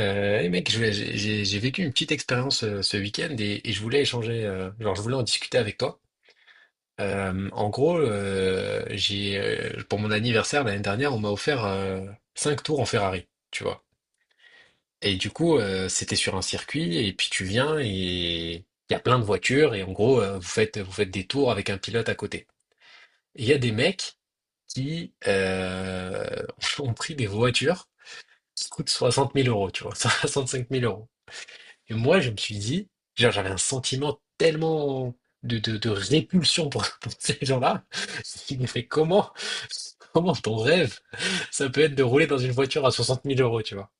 Et mec, je j'ai vécu une petite expérience ce week-end et je voulais échanger, genre je voulais en discuter avec toi. En gros, j'ai pour mon anniversaire l'année dernière, on m'a offert 5 tours en Ferrari, tu vois. Et du coup, c'était sur un circuit et puis tu viens et il y a plein de voitures et en gros, vous faites des tours avec un pilote à côté. Et il y a des mecs qui ont pris des voitures qui coûtent 60 000 euros, tu vois, 65 000 euros. Et moi, je me suis dit, genre, j'avais un sentiment tellement de répulsion pour, pour ces gens-là. Je me fait comment, comment ton rêve, ça peut être de rouler dans une voiture à 60 000 euros, tu vois.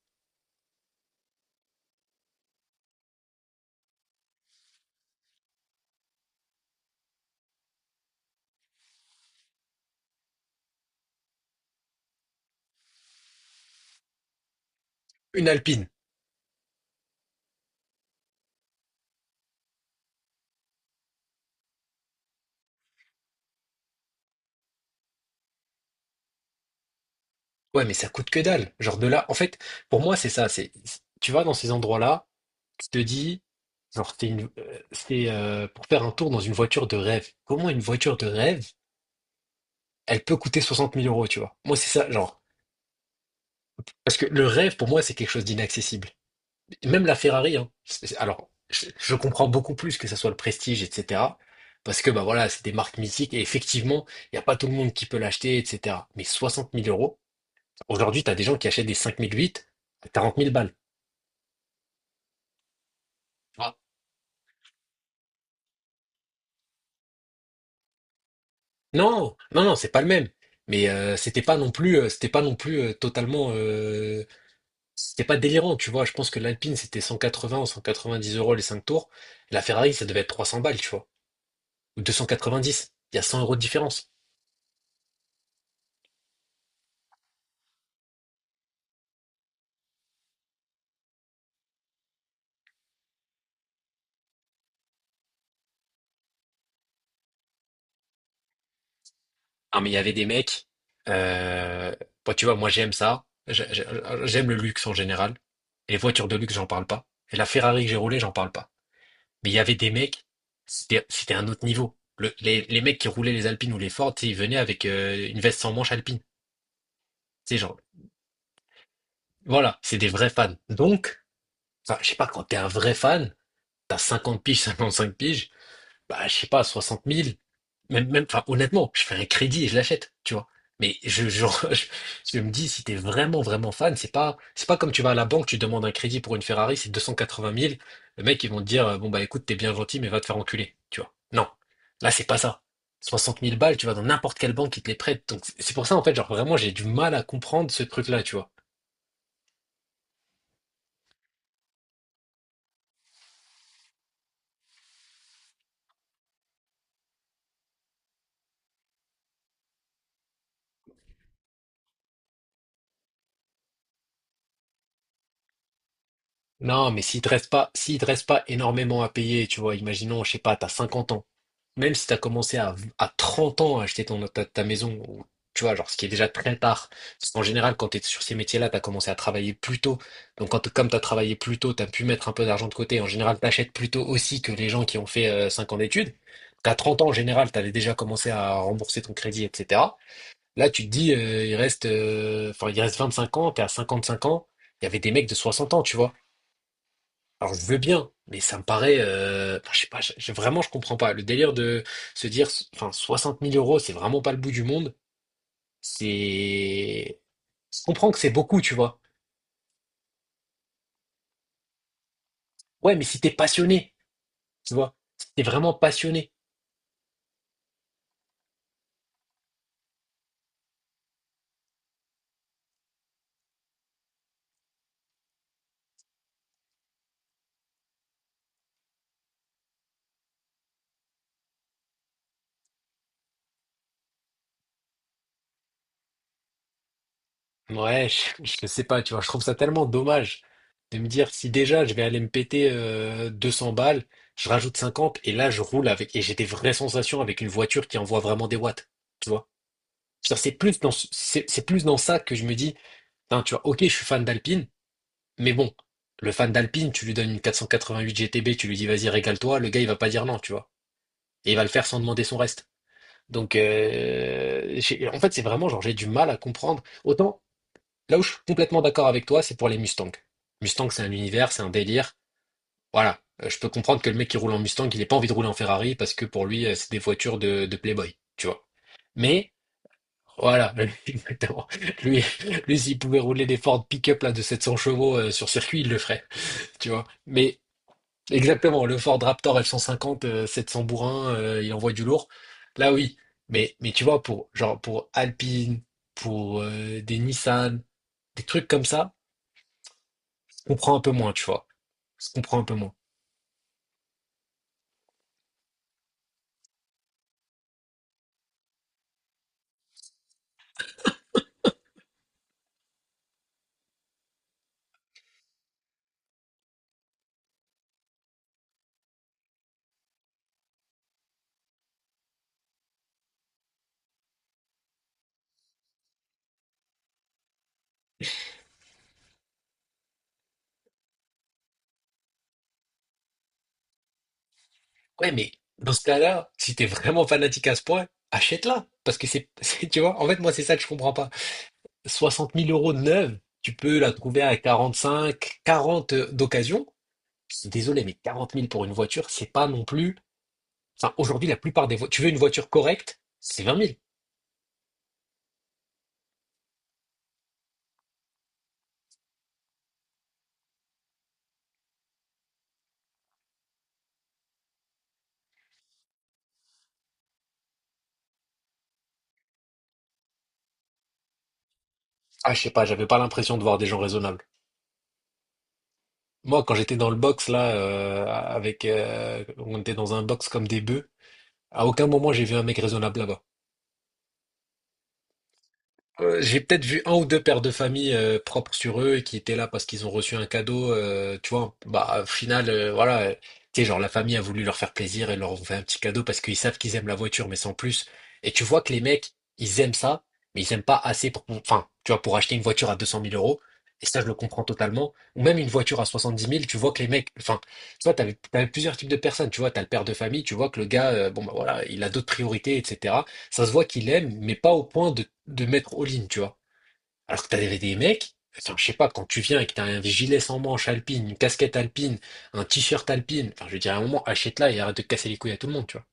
Une Alpine. Ouais, mais ça coûte que dalle. Genre de là, en fait, pour moi, c'est ça. C'est, tu vas dans ces endroits-là, tu te dis, genre, c'est pour faire un tour dans une voiture de rêve. Comment une voiture de rêve, elle peut coûter 60 000 euros, tu vois. Moi, c'est ça, genre. Parce que le rêve, pour moi, c'est quelque chose d'inaccessible. Et même la Ferrari, hein. Alors, je comprends beaucoup plus que ça soit le prestige, etc. Parce que bah voilà, c'est des marques mythiques et effectivement, il n'y a pas tout le monde qui peut l'acheter, etc. Mais 60 000 euros, aujourd'hui, tu as des gens qui achètent des 5 008 à 40 000 balles. Ah. Non, non, non, c'est pas le même. Mais c'était pas non plus totalement, c'était pas délirant, tu vois. Je pense que l'Alpine c'était 180 ou 190 euros les 5 tours. La Ferrari, ça devait être 300 balles, tu vois, ou 290. Il y a 100 euros de différence. Ah, mais il y avait des mecs. Euh... Bon, tu vois, moi j'aime ça. J'aime le luxe en général. Les voitures de luxe, j'en parle pas. Et la Ferrari que j'ai roulée, j'en parle pas. Mais il y avait des mecs, c'était un autre niveau. Les mecs qui roulaient les Alpines ou les Ford, tu sais, ils venaient avec une veste sans manche alpine. C'est genre, voilà, c'est des vrais fans. Donc, enfin, je sais pas, quand t'es un vrai fan, t'as 50 piges, cinq piges, bah, je sais pas, 60 000. Même, même, enfin, honnêtement, je fais un crédit et je l'achète, tu vois. Mais je, je me dis, si t'es vraiment, vraiment fan, c'est pas comme tu vas à la banque, tu demandes un crédit pour une Ferrari, c'est 280 000. Le mec, ils vont te dire, bon, bah, écoute, t'es bien gentil, mais va te faire enculer, tu vois. Non. Là, c'est pas ça. 60 000 balles, tu vas dans n'importe quelle banque qui te les prête. Donc, c'est pour ça, en fait, genre, vraiment, j'ai du mal à comprendre ce truc-là, tu vois. Non, mais s'il te reste pas énormément à payer, tu vois, imaginons, je sais pas, t'as 50 ans. Même si t'as commencé à 30 ans à acheter ta maison, ou, tu vois, genre, ce qui est déjà très tard. Parce qu'en général, quand t'es sur ces métiers-là, t'as commencé à travailler plus tôt. Donc, quand, comme t'as travaillé plus tôt, t'as pu mettre un peu d'argent de côté. En général, t'achètes plus tôt aussi que les gens qui ont fait 5 ans d'études. T'as 30 ans, en général, t'avais déjà commencé à rembourser ton crédit, etc. Là, tu te dis, enfin, il reste 25 ans. Tu t'es à 5 ans. Il y avait des mecs de 60 ans, tu vois. Alors je veux bien, mais ça me paraît, enfin, je sais pas, vraiment je comprends pas. Le délire de se dire, enfin 60 000 euros, c'est vraiment pas le bout du monde. C'est, je comprends que c'est beaucoup, tu vois. Ouais, mais si t'es passionné, tu vois, si t'es vraiment passionné, ouais, je sais pas, tu vois, je trouve ça tellement dommage de me dire si déjà je vais aller me péter 200 balles, je rajoute 50 et là je roule avec et j'ai des vraies sensations avec une voiture qui envoie vraiment des watts, tu vois. C'est-à-dire, c'est plus dans, ce- c'est plus dans ça que je me dis. Non, tu vois, ok, je suis fan d'Alpine, mais bon, le fan d'Alpine, tu lui donnes une 488 GTB, tu lui dis vas-y, régale-toi, le gars, il va pas dire non, tu vois. Et il va le faire sans demander son reste. Donc, en fait, c'est vraiment genre, j'ai du mal à comprendre. Autant, là où je suis complètement d'accord avec toi, c'est pour les Mustangs. Mustang, c'est un univers, c'est un délire. Voilà. Je peux comprendre que le mec qui roule en Mustang, il ait pas envie de rouler en Ferrari parce que pour lui, c'est des voitures de Playboy, tu vois. Mais, voilà, exactement. Lui, lui, s'il pouvait rouler des Ford pick-up là, de 700 chevaux sur circuit, il le ferait. Tu vois. Mais exactement, le Ford Raptor F-150, 700 bourrins, il envoie du lourd. Là, oui. Mais tu vois, pour, genre, pour Alpine, pour des Nissan, des trucs comme ça, on comprend un peu moins, tu vois. On se comprend un peu moins. Ouais, mais dans ce cas-là, si t'es vraiment fanatique à ce point, achète-la. Parce que tu vois, en fait, moi, c'est ça que je comprends pas. 60 000 euros de neuve, tu peux la trouver à 45, 40 d'occasion. Je suis désolé, mais 40 000 pour une voiture, c'est pas non plus. Enfin, aujourd'hui, la plupart des voitures, tu veux une voiture correcte, c'est 20 000. Ah, je sais pas, j'avais pas l'impression de voir des gens raisonnables. Moi, quand j'étais dans le box, là, avec, on était dans un box comme des bœufs, à aucun moment j'ai vu un mec raisonnable là-bas. J'ai peut-être vu un ou deux pères de famille propres sur eux et qui étaient là parce qu'ils ont reçu un cadeau. Tu vois, bah, au final, voilà, tu sais, genre la famille a voulu leur faire plaisir et leur ont fait un petit cadeau parce qu'ils savent qu'ils aiment la voiture, mais sans plus. Et tu vois que les mecs, ils aiment ça, mais ils aiment pas assez pour, enfin, tu vois, pour acheter une voiture à 200 000 euros. Et ça, je le comprends totalement. Ou même une voiture à 70 000. Tu vois que les mecs, enfin, tu vois, t'avais plusieurs types de personnes. Tu vois, t'as le père de famille, tu vois que le gars, bon, bah voilà, il a d'autres priorités, etc. Ça se voit qu'il aime, mais pas au point de mettre all-in, tu vois. Alors que t'as des mecs, enfin, je sais pas, quand tu viens et que t'as un gilet sans manches alpine, une casquette alpine, un t-shirt alpine, enfin, je veux dire, à un moment, achète-la et arrête de casser les couilles à tout le monde, tu vois.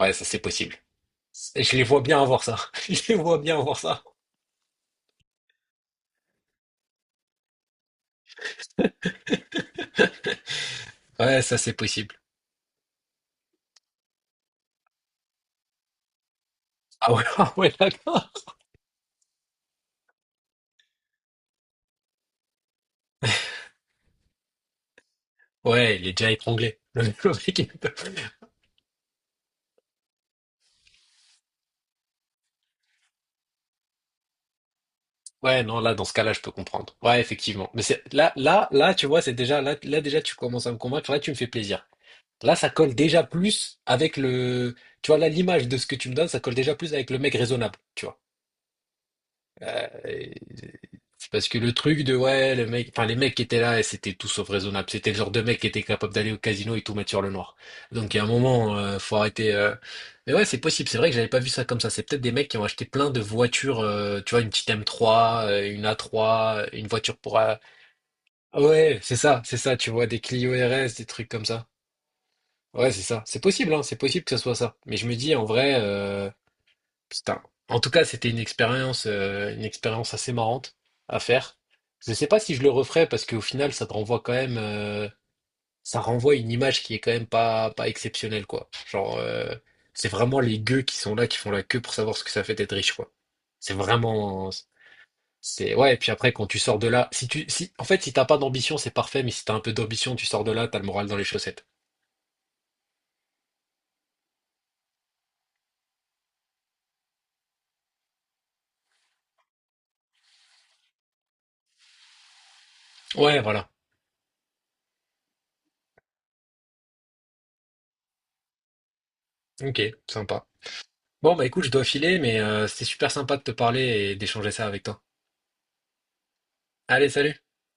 Ouais, ça, c'est possible. Et je les vois bien avoir ça. Je les vois bien avoir ça. Ouais, ça, c'est possible. Ah ouais, ah ouais, d'accord. Ouais, il est déjà étranglé. Le mec, ouais, non, là, dans ce cas-là, je peux comprendre. Ouais, effectivement. Mais c'est, là, là, là, tu vois, c'est déjà, là, là, déjà, tu commences à me convaincre. Là, tu me fais plaisir. Là, ça colle déjà plus avec le. Tu vois, là, l'image de ce que tu me donnes, ça colle déjà plus avec le mec raisonnable, tu vois. Euh, C'est parce que le truc de, ouais, le mec, enfin, les mecs qui étaient là, c'était tout sauf raisonnable. C'était le genre de mec qui était capable d'aller au casino et tout mettre sur le noir. Donc, il y a un moment, faut arrêter. Mais ouais, c'est possible. C'est vrai que j'avais pas vu ça comme ça. C'est peut-être des mecs qui ont acheté plein de voitures, tu vois, une petite M3, une A3, une voiture pour. Ouais, c'est ça, tu vois, des Clio RS, des trucs comme ça. Ouais, c'est ça. C'est possible, hein, c'est possible que ce soit ça. Mais je me dis, en vrai, putain. En tout cas, c'était une expérience assez marrante à faire. Je sais pas si je le referais parce qu'au final, ça te renvoie quand même, ça renvoie une image qui est quand même pas, pas exceptionnelle, quoi. Genre, c'est vraiment les gueux qui sont là, qui font la queue pour savoir ce que ça fait d'être riche, quoi. C'est vraiment, c'est, ouais. Et puis après, quand tu sors de là, si tu, si, en fait, si t'as pas d'ambition, c'est parfait. Mais si t'as un peu d'ambition, tu sors de là, t'as le moral dans les chaussettes. Ouais, voilà. Ok, sympa. Bon, bah écoute, je dois filer, mais c'était super sympa de te parler et d'échanger ça avec toi. Allez, salut!